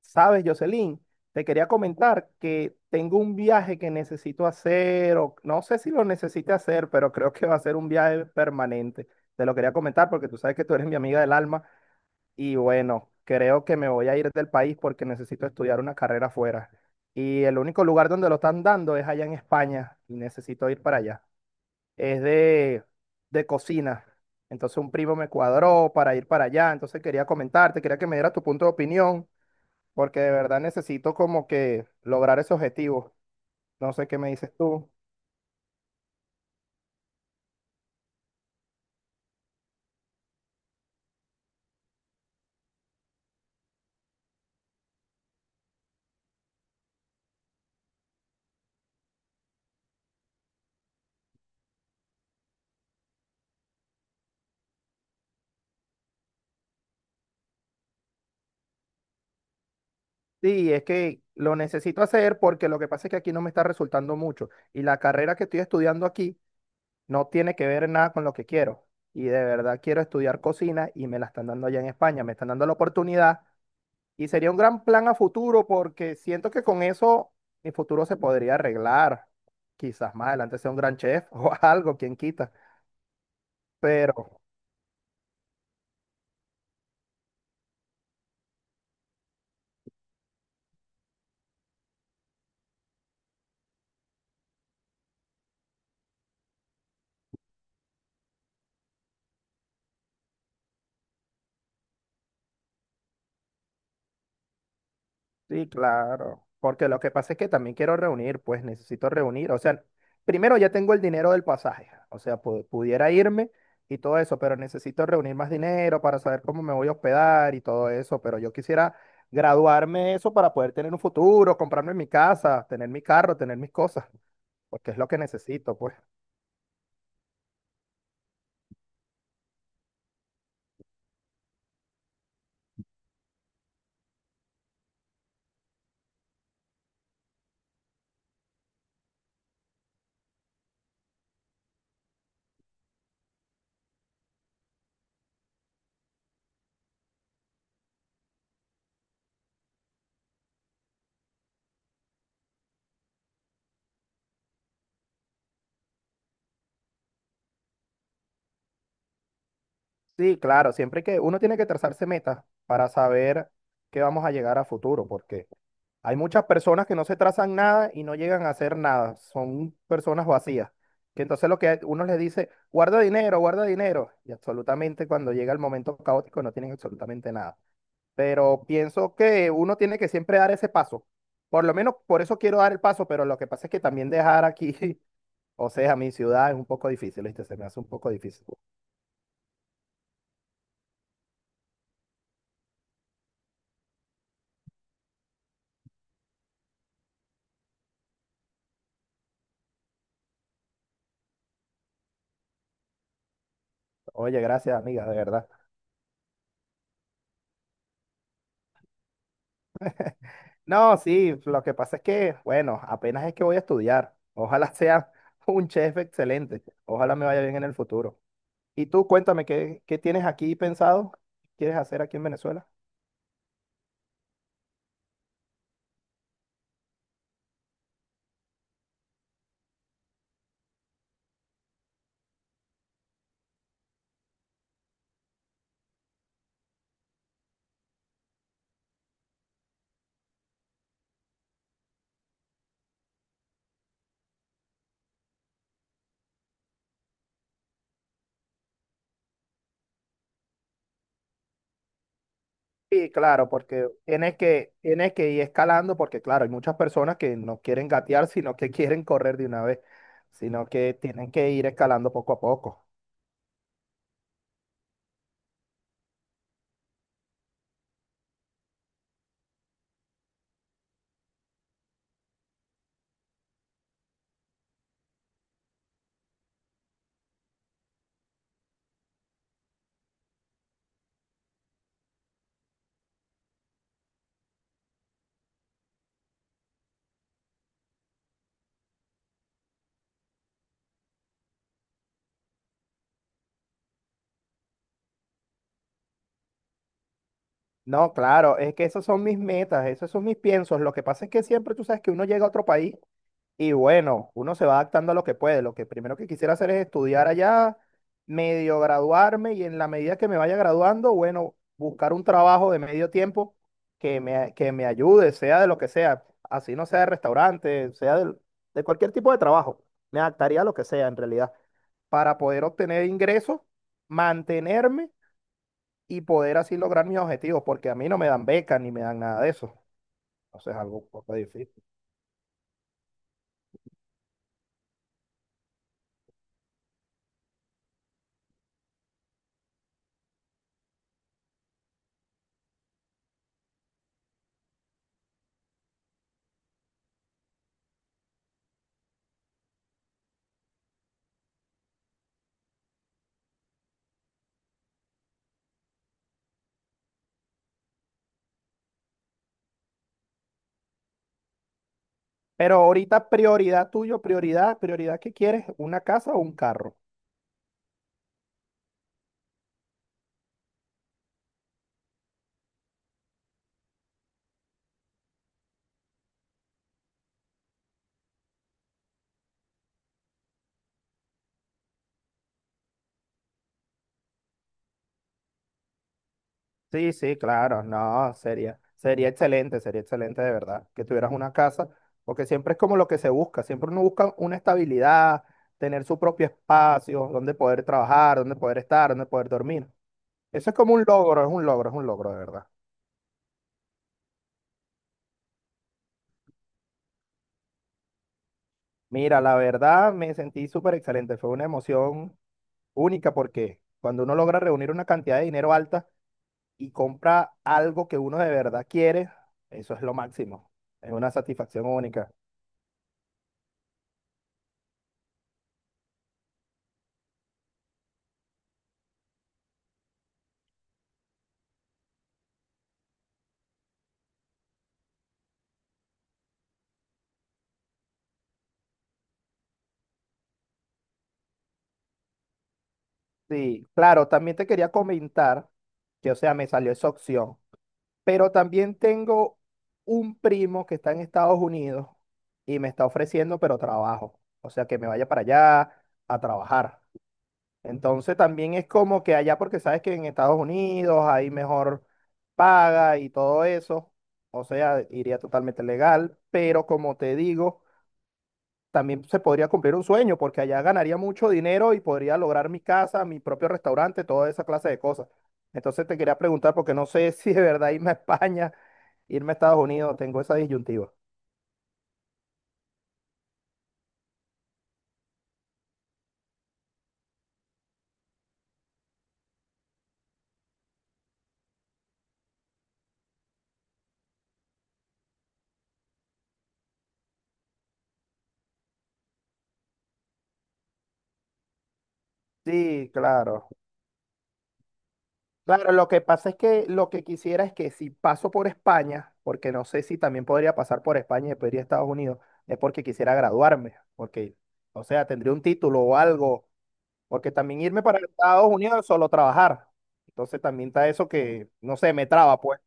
Sabes, Jocelyn, te quería comentar que tengo un viaje que necesito hacer, o no sé si lo necesite hacer, pero creo que va a ser un viaje permanente. Te lo quería comentar porque tú sabes que tú eres mi amiga del alma y bueno, creo que me voy a ir del país porque necesito estudiar una carrera afuera. Y el único lugar donde lo están dando es allá en España y necesito ir para allá. Es de, de cocina. Entonces un primo me cuadró para ir para allá, entonces quería comentarte, quería que me diera tu punto de opinión porque de verdad necesito como que lograr ese objetivo. No sé qué me dices tú. Sí, es que lo necesito hacer porque lo que pasa es que aquí no me está resultando mucho y la carrera que estoy estudiando aquí no tiene que ver nada con lo que quiero. Y de verdad quiero estudiar cocina y me la están dando allá en España, me están dando la oportunidad y sería un gran plan a futuro porque siento que con eso mi futuro se podría arreglar. Quizás más adelante sea un gran chef o algo, quien quita. Pero sí, claro, porque lo que pasa es que también quiero reunir, pues necesito reunir, o sea, primero ya tengo el dinero del pasaje, o sea, pudiera irme y todo eso, pero necesito reunir más dinero para saber cómo me voy a hospedar y todo eso, pero yo quisiera graduarme eso para poder tener un futuro, comprarme mi casa, tener mi carro, tener mis cosas, porque es lo que necesito, pues. Sí, claro, siempre que uno tiene que trazarse metas para saber que vamos a llegar a futuro, porque hay muchas personas que no se trazan nada y no llegan a hacer nada. Son personas vacías. Que entonces lo que uno les dice, guarda dinero, guarda dinero. Y absolutamente cuando llega el momento caótico no tienen absolutamente nada. Pero pienso que uno tiene que siempre dar ese paso. Por lo menos por eso quiero dar el paso, pero lo que pasa es que también dejar aquí, o sea, mi ciudad es un poco difícil, ¿viste? Se me hace un poco difícil. Oye, gracias, amiga, de verdad. No, sí, lo que pasa es que, bueno, apenas es que voy a estudiar. Ojalá sea un chef excelente. Ojalá me vaya bien en el futuro. Y tú, cuéntame, ¿qué tienes aquí pensado? ¿Quieres hacer aquí en Venezuela? Sí, claro, porque tienes que ir escalando, porque claro, hay muchas personas que no quieren gatear, sino que quieren correr de una vez, sino que tienen que ir escalando poco a poco. No, claro, es que esas son mis metas, esos son mis piensos. Lo que pasa es que siempre tú sabes que uno llega a otro país y bueno, uno se va adaptando a lo que puede. Lo que primero que quisiera hacer es estudiar allá, medio graduarme y en la medida que me vaya graduando, bueno, buscar un trabajo de medio tiempo que me ayude, sea de lo que sea, así no sea de restaurante, cualquier tipo de trabajo. Me adaptaría a lo que sea en realidad, para poder obtener ingresos, mantenerme y poder así lograr mis objetivos, porque a mí no me dan becas ni me dan nada de eso. Entonces es algo un poco difícil. Pero ahorita prioridad tuyo, prioridad ¿qué quieres? ¿Una casa o un carro? Sí, sí, claro, no, sería, sería excelente de verdad que tuvieras una casa, porque siempre es como lo que se busca, siempre uno busca una estabilidad, tener su propio espacio, donde poder trabajar, donde poder estar, donde poder dormir. Eso es como un logro, es un logro, es un logro de verdad. Mira, la verdad me sentí súper excelente, fue una emoción única porque cuando uno logra reunir una cantidad de dinero alta, y compra algo que uno de verdad quiere, eso es lo máximo. Es una satisfacción única. Sí, claro, también te quería comentar que, o sea, me salió esa opción, pero también tengo un primo que está en Estados Unidos y me está ofreciendo, pero trabajo, o sea, que me vaya para allá a trabajar. Entonces también es como que allá, porque sabes que en Estados Unidos hay mejor paga y todo eso, o sea, iría totalmente legal, pero como te digo, también se podría cumplir un sueño, porque allá ganaría mucho dinero y podría lograr mi casa, mi propio restaurante, toda esa clase de cosas. Entonces te quería preguntar, porque no sé si de verdad irme a España, irme a Estados Unidos, tengo esa disyuntiva. Sí, claro. Claro, lo que pasa es que lo que quisiera es que si paso por España, porque no sé si también podría pasar por España y después ir a Estados Unidos, es porque quisiera graduarme, porque, o sea, tendría un título o algo. Porque también irme para Estados Unidos es solo trabajar. Entonces también está eso que, no sé, me traba, pues.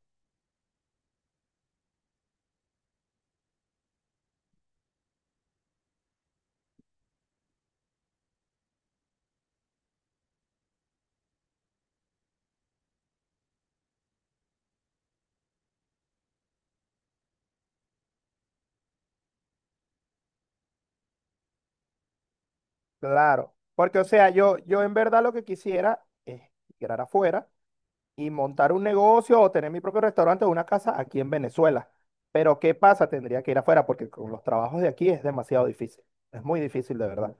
Claro. Porque, o sea, yo en verdad lo que quisiera es migrar afuera y montar un negocio o tener mi propio restaurante o una casa aquí en Venezuela. Pero, ¿qué pasa? Tendría que ir afuera porque con los trabajos de aquí es demasiado difícil. Es muy difícil, de verdad.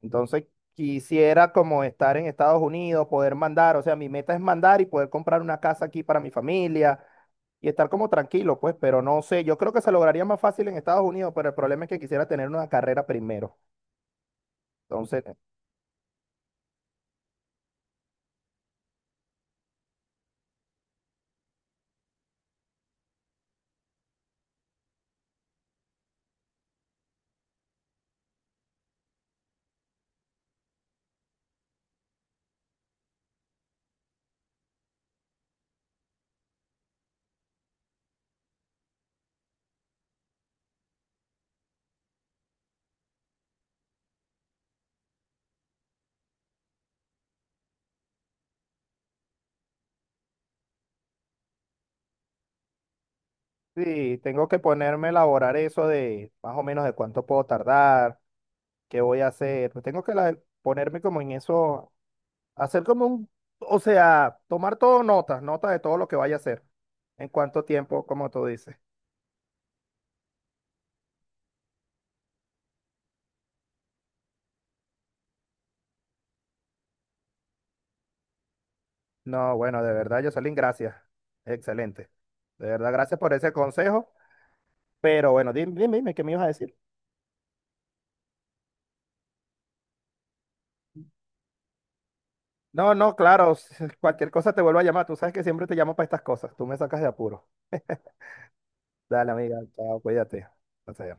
Entonces quisiera como estar en Estados Unidos, poder mandar, o sea, mi meta es mandar y poder comprar una casa aquí para mi familia y estar como tranquilo, pues, pero no sé, yo creo que se lograría más fácil en Estados Unidos, pero el problema es que quisiera tener una carrera primero. Entonces, sí, tengo que ponerme a elaborar eso de más o menos de cuánto puedo tardar, qué voy a hacer, pues ponerme como en eso, hacer como un, o sea, tomar todo notas, notas de todo lo que vaya a hacer, en cuánto tiempo, como tú dices. No, bueno, de verdad, Jocelyn, gracias. Excelente. De verdad, gracias por ese consejo. Pero bueno, dime, ¿qué me ibas a decir? No, no, claro, cualquier cosa te vuelvo a llamar. Tú sabes que siempre te llamo para estas cosas. Tú me sacas de apuro. Dale, amiga, chao, cuídate. Hasta